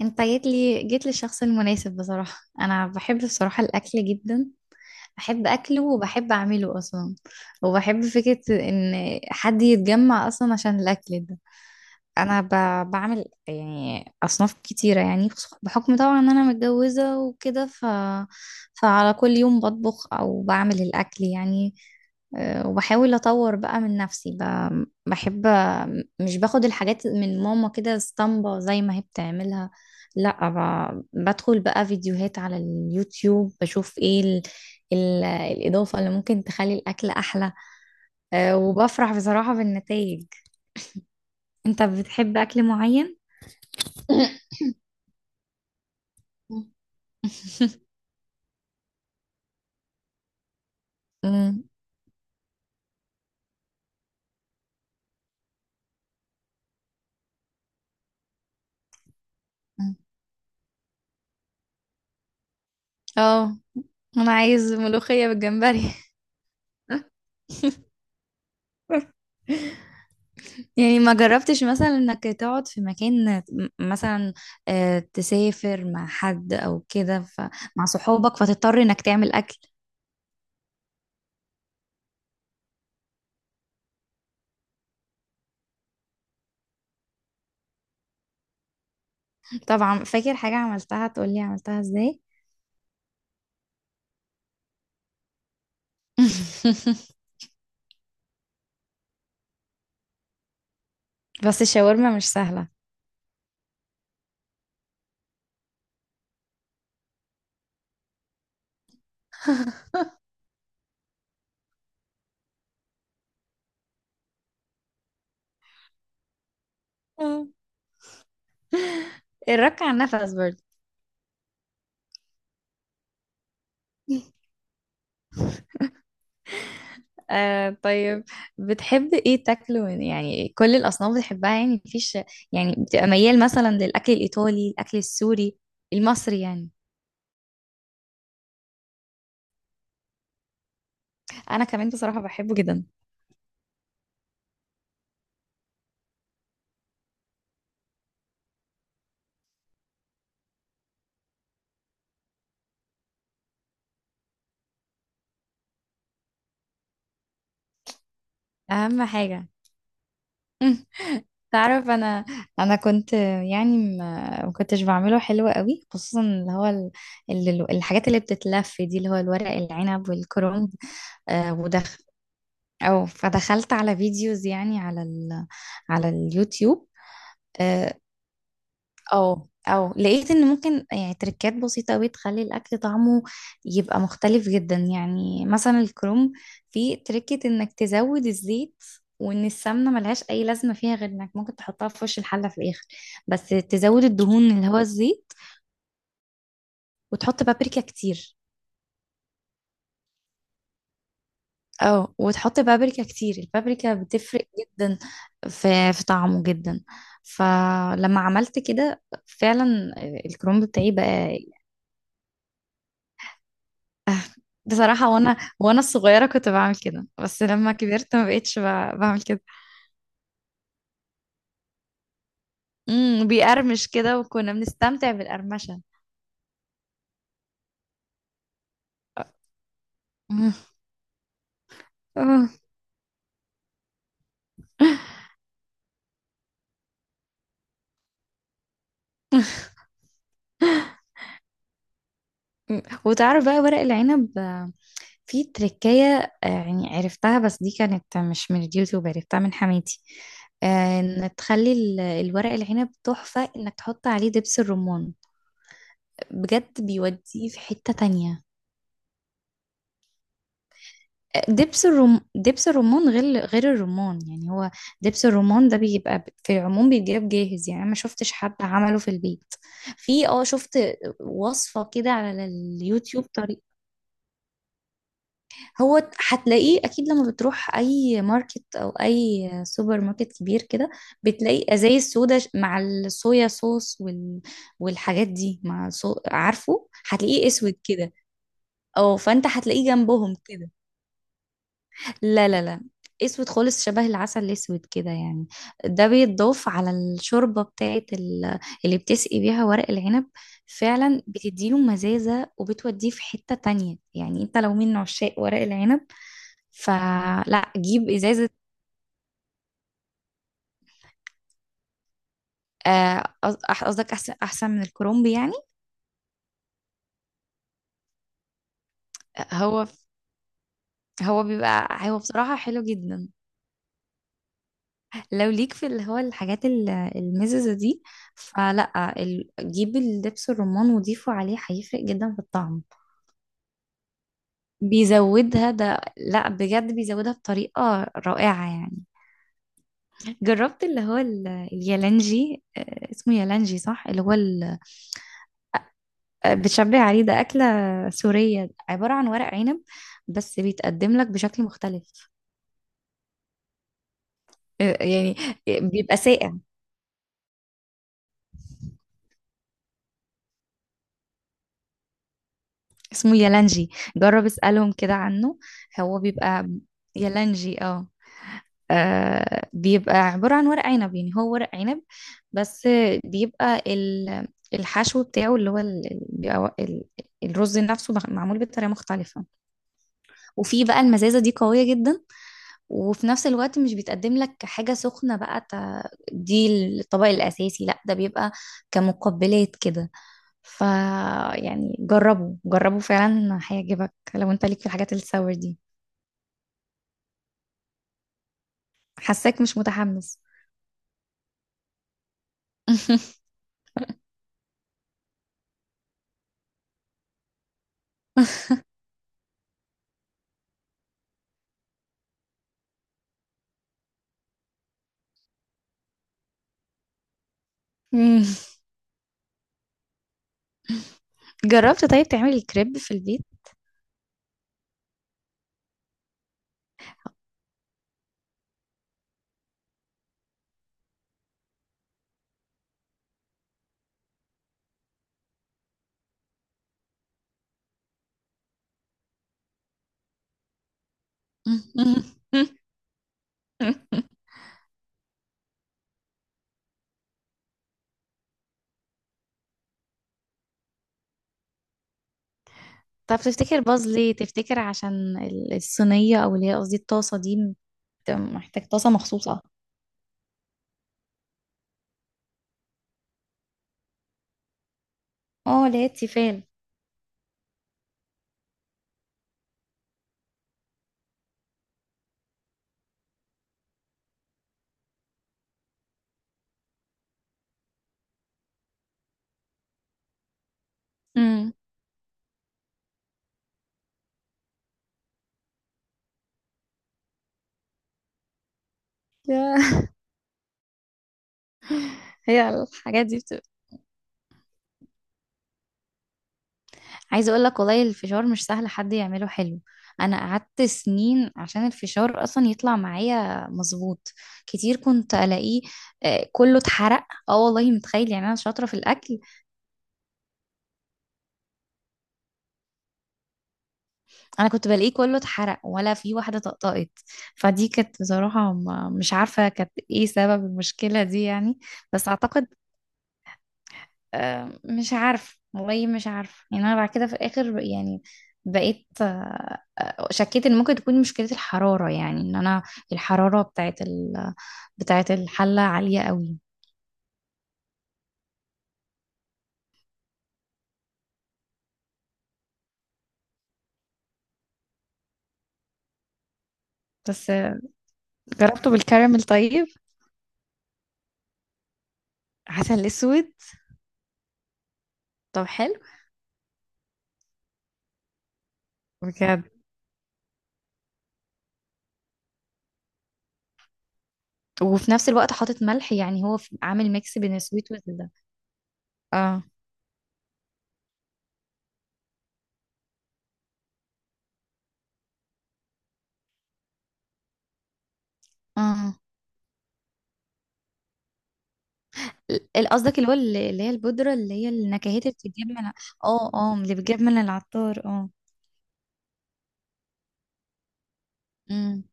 انت جيت للشخص المناسب بصراحة. انا بحب بصراحة الاكل جدا، بحب اكله وبحب اعمله اصلا، وبحب فكرة ان حد يتجمع اصلا عشان الاكل ده. انا بعمل يعني اصناف كتيره، يعني بحكم طبعا ان انا متجوزه وكده فعلى كل يوم بطبخ او بعمل الاكل يعني. وبحاول اطور بقى من نفسي، بحب، مش باخد الحاجات من ماما كده اسطمبة زي ما هي بتعملها. لا، بدخل بقى فيديوهات على اليوتيوب، بشوف ايه الاضافه اللي ممكن تخلي الاكل احلى. وبفرح بصراحه بالنتائج. انت بتحب اكل معين؟ مم. اه، انا عايز ملوخية بالجمبري. يعني ما جربتش مثلا انك تقعد في مكان مثلا، تسافر مع حد او كده مع صحابك فتضطر انك تعمل اكل. طبعا، فاكر حاجة عملتها؟ تقولي عملتها ازاي. بس الشاورما مش سهلة. آه. الرك على النفس برضه. آه، طيب. بتحب ايه تاكله يعني كل الاصناف بتحبها يعني مفيش؟ يعني بتبقى ميال مثلا للاكل الايطالي، الاكل السوري، المصري يعني؟ انا كمان بصراحة بحبه جدا، اهم حاجة. تعرف، انا، انا كنت يعني ما كنتش بعمله حلو قوي، خصوصا اللي هو الحاجات اللي بتتلف دي، اللي هو الورق العنب والكرنب. آه ودخ او فدخلت على فيديوز يعني على اليوتيوب. آه، او لقيت ان ممكن يعني تركات بسيطة قوي تخلي الاكل طعمه يبقى مختلف جدا، يعني مثلا الكروم، في تركة انك تزود الزيت، وان السمنة ملهاش اي لازمة فيها غير انك ممكن تحطها في وش الحلة في الاخر، بس تزود الدهون اللي هو الزيت، وتحط بابريكا كتير. اه، وتحط بابريكا كتير. البابريكا بتفرق جدا في طعمه جدا. فلما عملت كده فعلا، الكرومب بتاعي بقى. بصراحة وانا الصغيرة كنت بعمل كده، بس لما كبرت ما بقتش بعمل كده. بيقرمش كده وكنا بنستمتع بالقرمشة. مم. آه. مم. وتعرف بقى ورق العنب، في تركية يعني عرفتها، بس دي كانت مش من اليوتيوب، عرفتها من حماتي. ان تخلي الورق العنب تحفة، انك تحط عليه دبس الرمان، بجد بيوديه في حتة تانية. دبس الرمان غير الرمان يعني. هو دبس الرمان ده بيبقى في العموم بيتجاب جاهز، يعني انا ما شفتش حد عمله في البيت. في شفت وصفة كده على اليوتيوب طريق. هو هتلاقيه اكيد لما بتروح اي ماركت او اي سوبر ماركت كبير كده، بتلاقي ازاي السودا مع الصويا صوص والحاجات دي مع عارفه، هتلاقيه اسود كده، او فانت هتلاقيه جنبهم كده. لا، لا، لا، اسود خالص شبه العسل الاسود كده يعني. ده بيتضاف على الشوربه بتاعت اللي بتسقي بيها ورق العنب، فعلا بتديله مزازه وبتوديه في حته تانية. يعني انت لو من عشاق ورق العنب فلا، جيب ازازه. آه، قص- قصدك احسن، احسن من الكرومبي يعني؟ هو هو بيبقى هو بصراحه حلو جدا. لو ليك في اللي هو الحاجات المززه دي، فلا جيب الدبس الرمان وضيفه عليه، هيفرق جدا في الطعم. بيزودها، ده لا بجد بيزودها بطريقة رائعة يعني. جربت اللي هو اليالانجي؟ اسمه يالانجي صح؟ اللي هو بتشبه عليه ده. أكلة سورية عبارة عن ورق عنب، بس بيتقدم لك بشكل مختلف. يعني. بيبقى ساقع، اسمه يالانجي، جرب اسألهم كده عنه. هو بيبقى يالانجي، بيبقى عبارة عن ورق عنب، يعني هو ورق عنب، بس بيبقى الحشو بتاعه اللي هو بيبقى الرز نفسه معمول بطريقة مختلفة. وفي بقى المزازة دي قوية جدا، وفي نفس الوقت مش بيتقدم لك حاجة سخنة بقى دي الطبق الأساسي، لا، ده بيبقى كمقبلات كده. ف يعني جربوا، جربوا فعلا، هيعجبك لو انت ليك في الحاجات الساور دي. حاساك مش متحمس. جربت طيب تعملي الكريب في البيت؟ طب تفتكر باظ ليه؟ تفتكر عشان الصينية، او اللي هي قصدي الطاسة دي؟ محتاج طاسة مخصوصة. اه، اللي هي التيفال. أمم. يا- هي الحاجات دي بتبقى. عايزة اقول لك، والله الفشار مش سهل حد يعمله حلو. انا قعدت سنين عشان الفشار اصلا يطلع معايا مظبوط، كتير كنت الاقيه كله اتحرق. اه والله، متخيل؟ يعني انا شاطرة في الاكل. انا كنت بلاقيه كله اتحرق، ولا في واحده طقطقت. فدي كانت بصراحه، مش عارفه كانت ايه سبب المشكله دي يعني. بس اعتقد، مش عارفه والله، مش عارفه يعني. انا بعد كده في الاخر يعني بقيت، شكيت ان ممكن تكون مشكله الحراره، يعني ان انا الحراره بتاعت الحله عاليه قوي. بس جربته بالكراميل طيب؟ عسل اسود. طب حلو بجد. وفي نفس الوقت حاطط ملح، يعني هو عامل ميكس بين السويت اه. امم. قصدك اللي هو اللي هي البودرة، اللي هي النكهات اللي بتتجاب اه، اه، اللي بتجاب من العطار، اه. امم.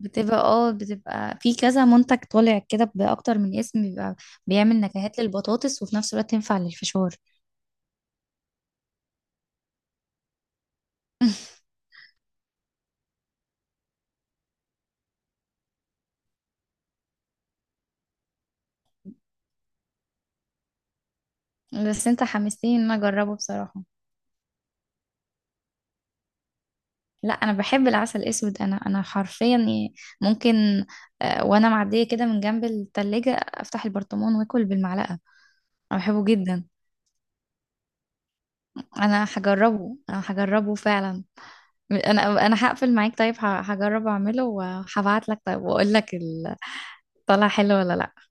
بتبقى في كذا منتج طالع كده بأكتر من اسم، بيبقى بيعمل نكهات للبطاطس وفي نفس الوقت تنفع للفشار. بس انت حمستني ان انا اجربه بصراحة. لا، انا بحب العسل الاسود، انا حرفيا يعني ممكن وانا معدية كده من جنب التلاجة افتح البرطمان واكل بالمعلقة، انا بحبه جدا. انا هجربه، انا هجربه فعلا. انا هقفل معاك طيب، هجرب اعمله وهبعت لك طيب واقول لك طلع حلو ولا لا.